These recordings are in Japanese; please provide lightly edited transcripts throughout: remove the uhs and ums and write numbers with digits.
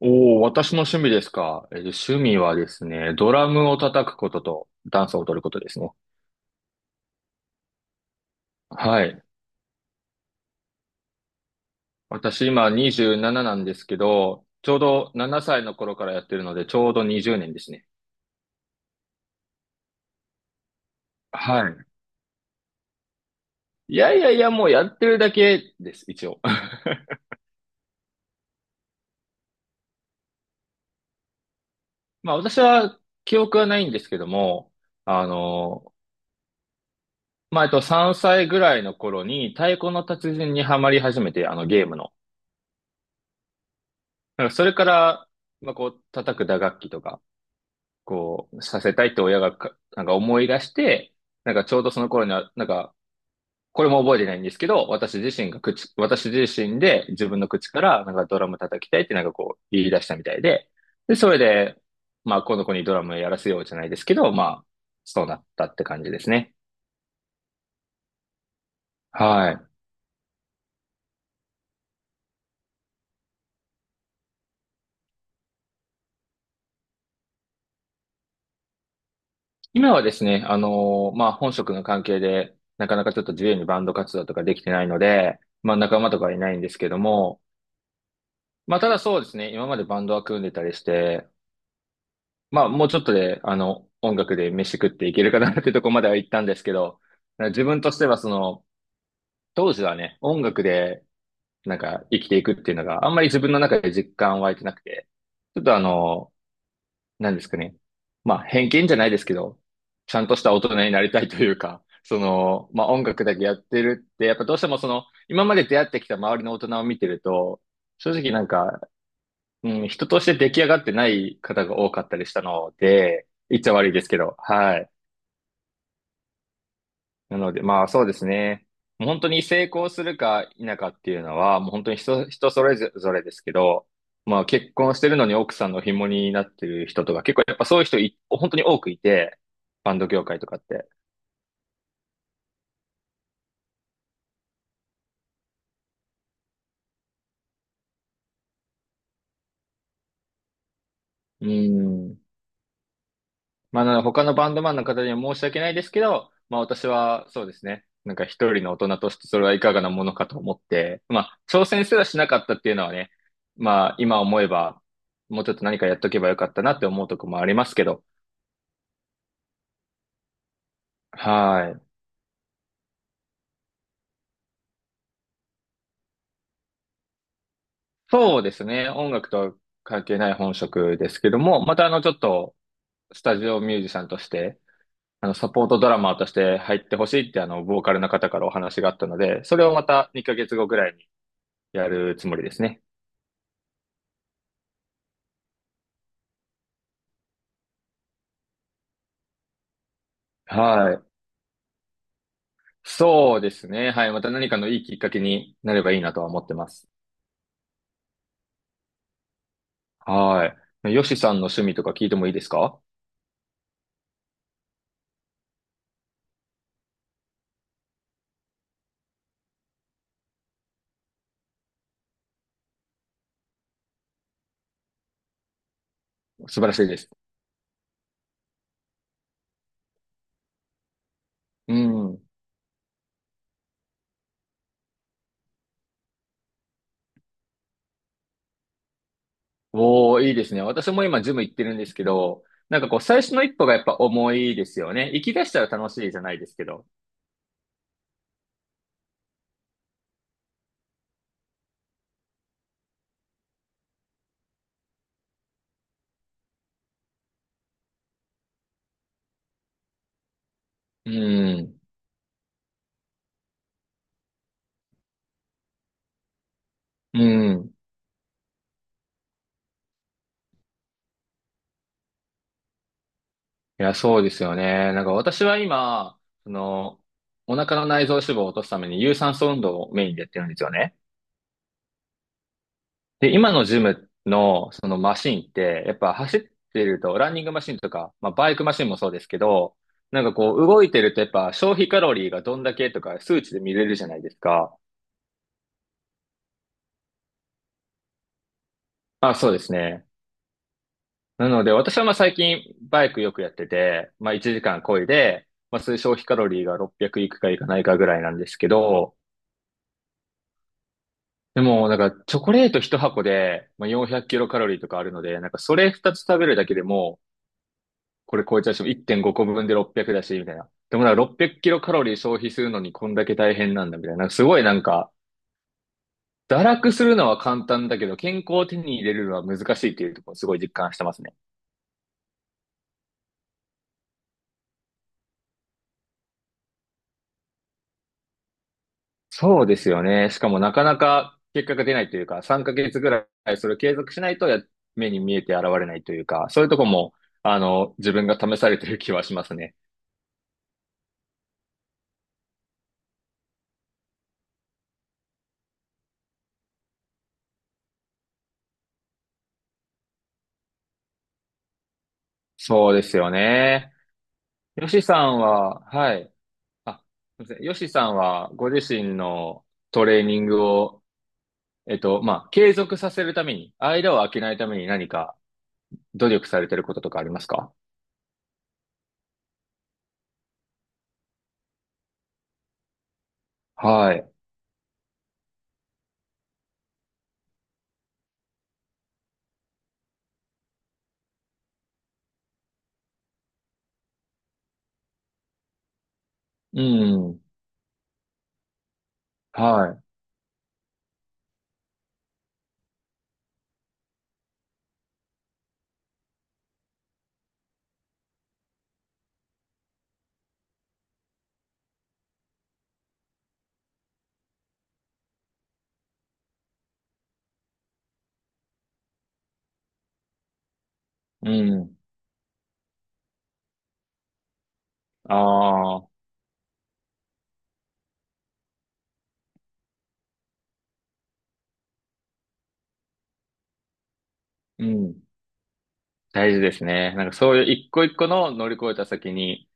おお、私の趣味ですか。趣味はですね、ドラムを叩くこととダンスを踊ることですね。はい。私今27なんですけど、ちょうど7歳の頃からやってるので、ちょうど20年ですね。はい。いやいやいや、もうやってるだけです、一応。まあ私は記憶はないんですけども、あの、まあ3歳ぐらいの頃に太鼓の達人にハマり始めて、あのゲームの。なんかそれから、まあこう叩く打楽器とか、こう、させたいって親が、なんか思い出して、なんかちょうどその頃には、なんか、これも覚えてないんですけど、私自身で自分の口から、なんかドラム叩きたいってなんかこう言い出したみたいで、で、それで、まあ、この子にドラムやらせようじゃないですけど、まあ、そうなったって感じですね。はい。今はですね、まあ、本職の関係で、なかなかちょっと自由にバンド活動とかできてないので、まあ、仲間とかいないんですけども、まあ、ただそうですね、今までバンドは組んでたりして、まあ、もうちょっとで、音楽で飯食っていけるかなっていうところまでは行ったんですけど、自分としてはその、当時はね、音楽で、なんか生きていくっていうのがあんまり自分の中で実感湧いてなくて、ちょっと何ですかね。まあ、偏見じゃないですけど、ちゃんとした大人になりたいというか、その、まあ音楽だけやってるって、やっぱどうしてもその、今まで出会ってきた周りの大人を見てると、正直なんか、うん、人として出来上がってない方が多かったりしたので、言っちゃ悪いですけど、はい。なので、まあそうですね。もう本当に成功するか否かっていうのは、もう本当に人それぞれですけど、まあ結婚してるのに奥さんの紐になってる人とか、結構やっぱそういう人い、本当に多くいて、バンド業界とかって。うん。まあ、なので他のバンドマンの方には申し訳ないですけど、まあ私はそうですね、なんか一人の大人としてそれはいかがなものかと思って、まあ挑戦すらしなかったっていうのはね、まあ今思えば、もうちょっと何かやっとけばよかったなって思うとこもありますけど、はい。そうですね、音楽とは関係ない本職ですけども、またちょっとスタジオミュージシャンとして、サポートドラマーとして入ってほしいってボーカルの方からお話があったので、それをまた2ヶ月後ぐらいにやるつもりですね。はい。そうですね。はい。また何かのいいきっかけになればいいなとは思ってます。はい。ヨシさんの趣味とか聞いてもいいですか？素晴らしいです。うん。おー、いいですね。私も今ジム行ってるんですけど、なんかこう最初の一歩がやっぱ重いですよね。行き出したら楽しいじゃないですけど。うん。うん。いや、そうですよね。なんか私は今、その、お腹の内臓脂肪を落とすために有酸素運動をメインでやってるんですよね。で、今のジムのそのマシンって、やっぱ走ってると、ランニングマシンとか、まあ、バイクマシンもそうですけど、なんかこう動いてるとやっぱ消費カロリーがどんだけとか数値で見れるじゃないですか。あ、そうですね。なので私はまあ最近バイクよくやってて、まあ1時間漕いで、まあそういう消費カロリーが600いくかいかないかぐらいなんですけど、でもなんかチョコレート1箱で、まあ、400キロカロリーとかあるので、なんかそれ2つ食べるだけでもこれ超えちゃうし、1.5個分で600だし、みたいな。でもなんか600キロカロリー消費するのにこんだけ大変なんだ、みたいな。なんかすごいなんか、堕落するのは簡単だけど、健康を手に入れるのは難しいっていうところをすごい実感してますね。そうですよね。しかもなかなか結果が出ないというか、3ヶ月ぐらいそれを継続しないと目に見えて現れないというか、そういうとこも、自分が試されてる気はしますね。そうですよね。よしさんは、はい。あ、すみません。ヨシさんはご自身のトレーニングを、まあ、継続させるために、間を空けないために何か努力されてることとかありますか？はい。うん。はい。うん。ああ、うん。大事ですね。なんかそういう一個一個の乗り越えた先に、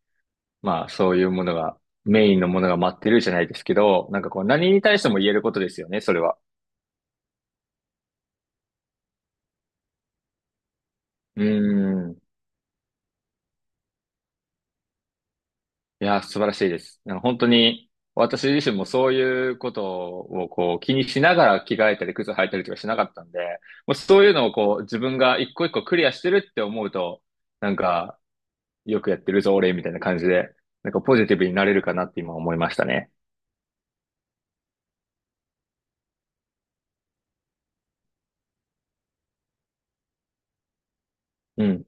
まあ、そういうものが、メインのものが待ってるじゃないですけど、なんかこう、何に対しても言えることですよね、それは。うん。いや、素晴らしいです。なんか本当に、私自身もそういうことをこう気にしながら着替えたり靴履いたりとかしなかったんで、もうそういうのをこう自分が一個一個クリアしてるって思うと、なんか、よくやってるぞ、俺、みたいな感じで、なんかポジティブになれるかなって今思いましたね。うん。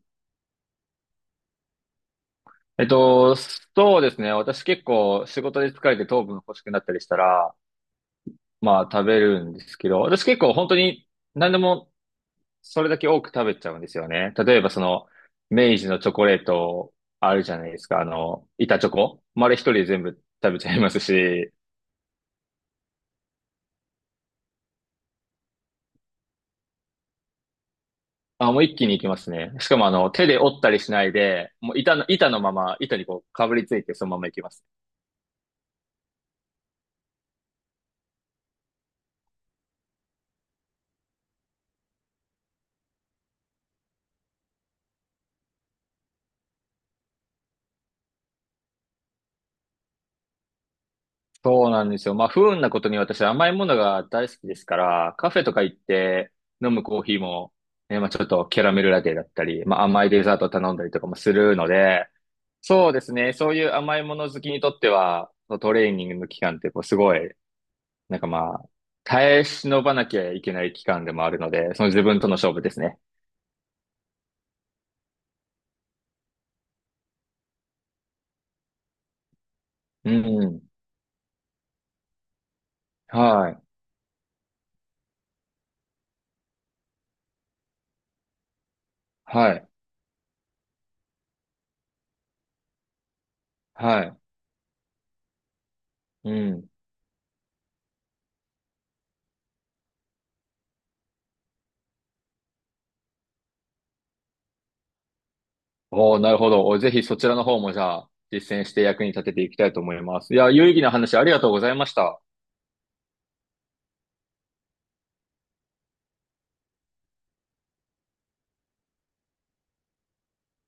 そうですね。私結構仕事で疲れて糖分欲しくなったりしたら、まあ食べるんですけど、私結構本当に何でもそれだけ多く食べちゃうんですよね。例えばその、明治のチョコレートあるじゃないですか。板チョコ。丸一人で全部食べちゃいますし、あ、もう一気にいきますね。しかも手で折ったりしないで、もう板のまま、板にこう、かぶりついてそのままいきます。そうなんですよ。まあ、不運なことに私甘いものが大好きですから、カフェとか行って飲むコーヒーも、ね、まあちょっとキャラメルラテだったり、まあ甘いデザート頼んだりとかもするので、そうですね。そういう甘いもの好きにとっては、そのトレーニングの期間ってこうすごい、なんかまあ、耐え忍ばなきゃいけない期間でもあるので、その自分との勝負ですね。うん。はい。はい。はい。うん。おー、なるほど。ぜひそちらの方もじゃあ、実践して役に立てていきたいと思います。いや、有意義な話ありがとうございました。